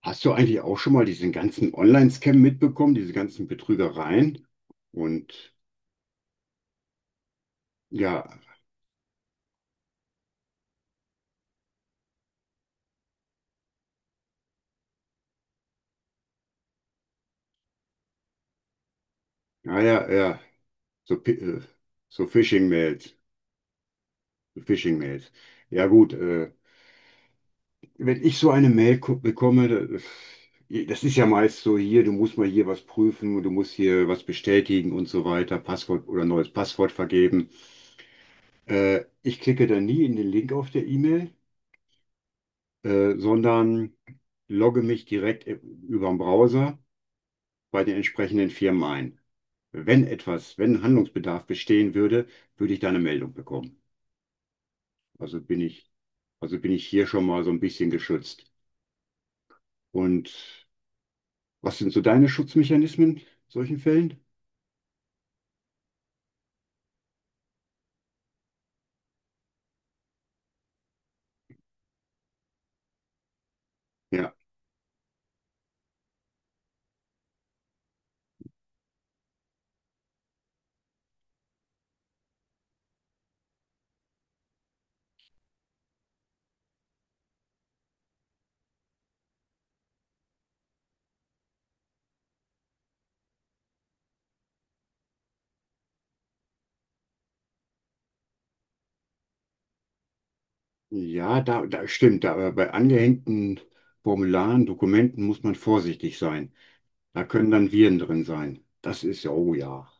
Hast du eigentlich auch schon mal diesen ganzen Online-Scam mitbekommen, diese ganzen Betrügereien? Und ja, ja, ja, ja, so, so Phishing-Mails, so Phishing-Mails. Ja gut, wenn ich so eine Mail bekomme, das ist ja meist so hier, du musst mal hier was prüfen, du musst hier was bestätigen und so weiter, Passwort oder neues Passwort vergeben. Ich klicke da nie in den Link auf der E-Mail, sondern logge mich direkt über den Browser bei den entsprechenden Firmen ein. Wenn etwas, wenn Handlungsbedarf bestehen würde, würde ich da eine Meldung bekommen. Also bin ich, also bin ich hier schon mal so ein bisschen geschützt. Und was sind so deine Schutzmechanismen in solchen Fällen? Ja, ja, da stimmt. Da, bei angehängten Formularen, Dokumenten muss man vorsichtig sein. Da können dann Viren drin sein. Das ist ja, oh ja.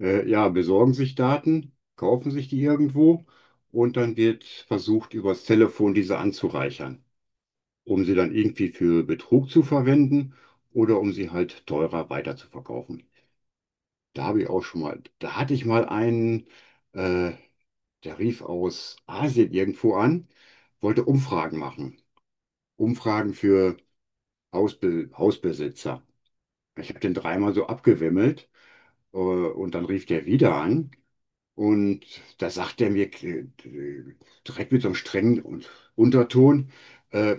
Ja, besorgen sich Daten, kaufen sich die irgendwo und dann wird versucht, übers Telefon diese anzureichern, um sie dann irgendwie für Betrug zu verwenden oder um sie halt teurer weiterzuverkaufen. Da habe ich auch schon mal, da hatte ich mal einen, äh, der rief aus Asien irgendwo an, wollte Umfragen machen. Umfragen für Hausbesitzer. Ich habe den dreimal so abgewimmelt, und dann rief der wieder an. Und da sagt er mir direkt mit so einem strengen Unterton, äh,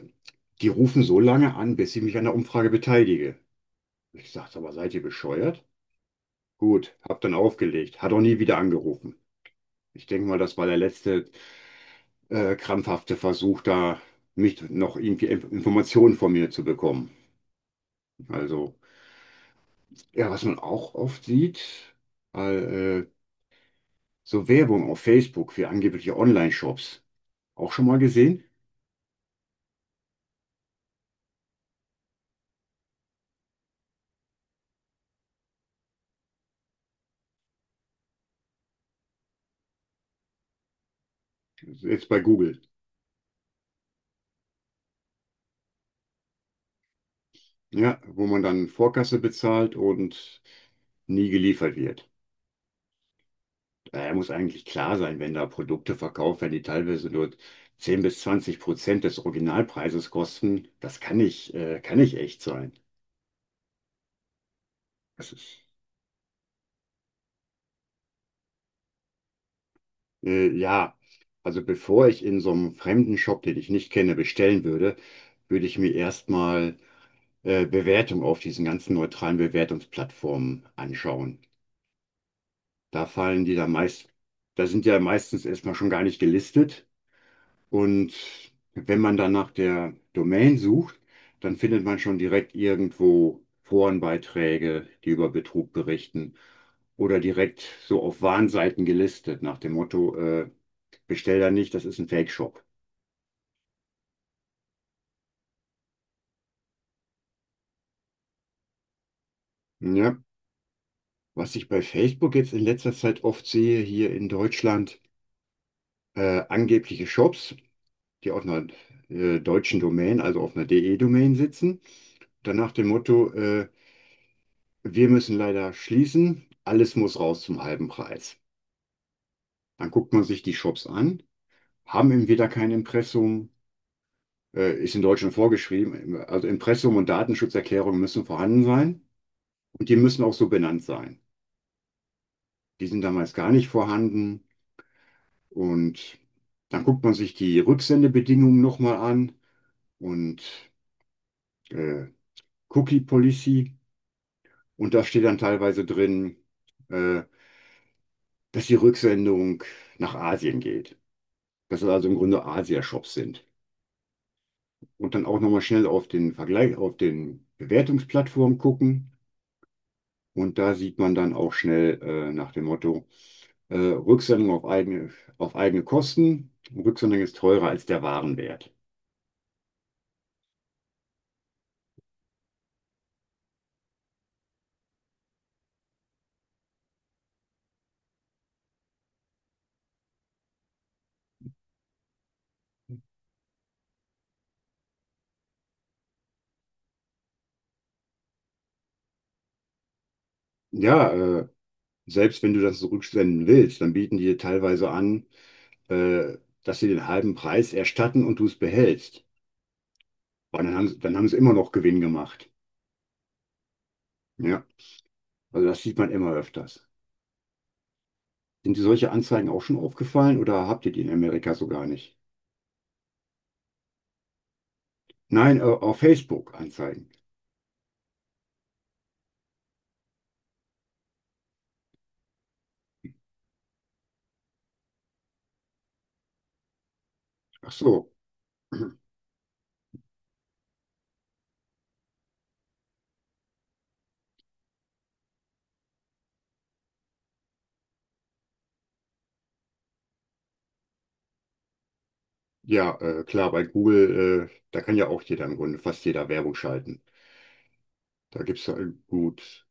die rufen so lange an, bis ich mich an der Umfrage beteilige. Ich sagte aber, seid ihr bescheuert? Gut, hab dann aufgelegt. Hat auch nie wieder angerufen. Ich denke mal, das war der letzte krampfhafte Versuch, da mich noch irgendwie Informationen von mir zu bekommen. Also, ja, was man auch oft sieht, äh, äh, so Werbung auf Facebook für angebliche Online-Shops. Auch schon mal gesehen? Jetzt bei Google. Ja, wo man dann Vorkasse bezahlt und nie geliefert wird. Naja, muss eigentlich klar sein, wenn da Produkte verkauft werden, die teilweise nur 10 bis 20 Prozent des Originalpreises kosten. Das kann nicht echt sein. Das ist, ja, also bevor ich in so einem fremden Shop, den ich nicht kenne, bestellen würde, würde ich mir erstmal Bewertungen auf diesen ganzen neutralen Bewertungsplattformen anschauen. Da fallen die da meist, da sind die ja meistens erstmal schon gar nicht gelistet. Und wenn man dann nach der Domain sucht, dann findet man schon direkt irgendwo Forenbeiträge, die über Betrug berichten oder direkt so auf Warnseiten gelistet nach dem Motto, bestell da nicht, das ist ein Fake-Shop. Ja. Was ich bei Facebook jetzt in letzter Zeit oft sehe, hier in Deutschland, angebliche Shops, die auf einer deutschen Domain, also auf einer DE-Domain sitzen, dann nach dem Motto, wir müssen leider schließen. Alles muss raus zum halben Preis. Dann guckt man sich die Shops an, haben entweder kein Impressum, ist in Deutschland vorgeschrieben, also Impressum und Datenschutzerklärung müssen vorhanden sein und die müssen auch so benannt sein. Die sind damals gar nicht vorhanden und dann guckt man sich die Rücksendebedingungen nochmal an und äh, Cookie Policy, und da steht dann teilweise drin, äh, dass die Rücksendung nach Asien geht, dass das also im Grunde Asia-Shops sind. Und dann auch nochmal schnell auf den Vergleich, auf den Bewertungsplattformen gucken. Und da sieht man dann auch schnell nach dem Motto, Rücksendung auf eigene Kosten. Rücksendung ist teurer als der Warenwert. Ja, äh, selbst wenn du das zurücksenden willst, dann bieten die dir teilweise an, äh, dass sie den halben Preis erstatten und du es behältst. Aber dann haben, dann haben sie immer noch Gewinn gemacht. Ja, also das sieht man immer öfters. Sind dir solche Anzeigen auch schon aufgefallen oder habt ihr die in Amerika so gar nicht? Nein, auf Facebook Anzeigen. Ach so. Ja, klar, bei Google, da kann ja auch jeder im Grunde, fast jeder Werbung schalten. Da gibt's ja, gut.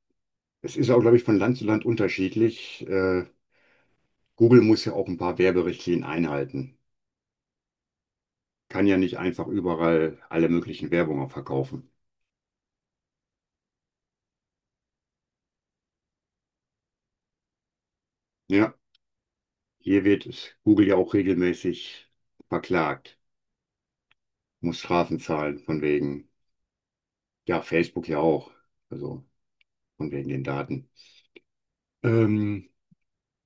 Es ist auch, glaube ich, von Land zu Land unterschiedlich. Google muss ja auch ein paar Werberichtlinien einhalten. Kann ja nicht einfach überall alle möglichen Werbungen verkaufen. Ja, hier wird es Google ja auch regelmäßig verklagt, muss Strafen zahlen von wegen. Ja, Facebook ja auch. Also von wegen den Daten. Ähm,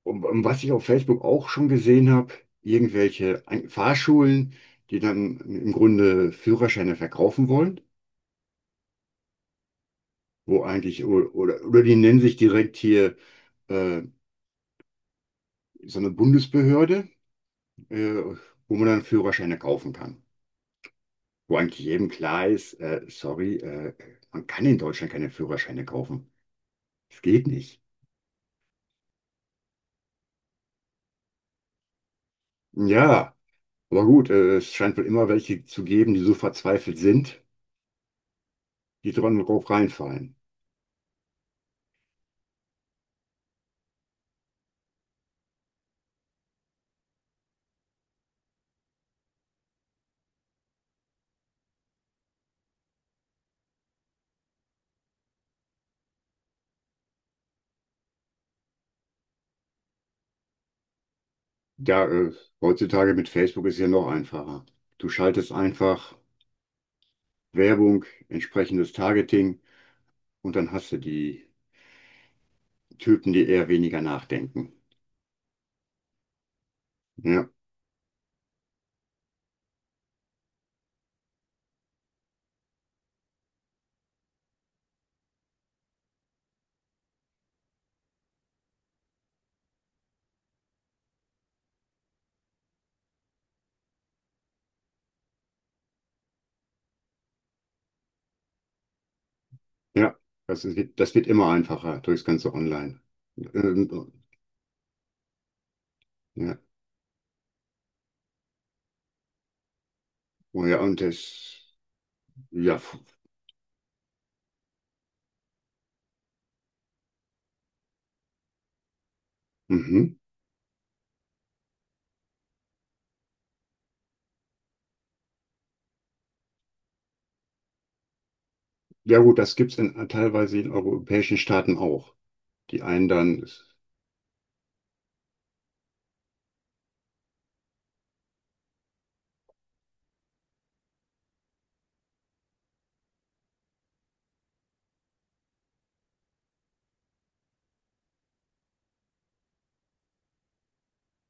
und was ich auf Facebook auch schon gesehen habe, irgendwelche Fahrschulen, die dann im Grunde Führerscheine verkaufen wollen, wo eigentlich, oder die nennen sich direkt hier äh, so eine Bundesbehörde, äh, wo man dann Führerscheine kaufen kann. Wo eigentlich jedem klar ist, sorry, man kann in Deutschland keine Führerscheine kaufen. Das geht nicht. Ja, aber gut, es scheint wohl immer welche zu geben, die so verzweifelt sind, die drauf reinfallen. Da, heutzutage mit Facebook ist ja noch einfacher. Du schaltest einfach Werbung, entsprechendes Targeting und dann hast du die Typen, die eher weniger nachdenken. Ja, ja, das wird immer einfacher durchs ganze Online. Ähm, ja, oh ja, und das, ja, f- mhm. Ja gut, das gibt's in, teilweise in europäischen Staaten auch. Die einen dann.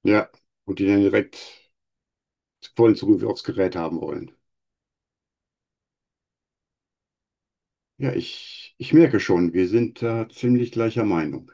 Ja, und die dann direkt vollen Zugriff aufs Gerät haben wollen. Ja, ich merke schon, wir sind da ziemlich gleicher Meinung.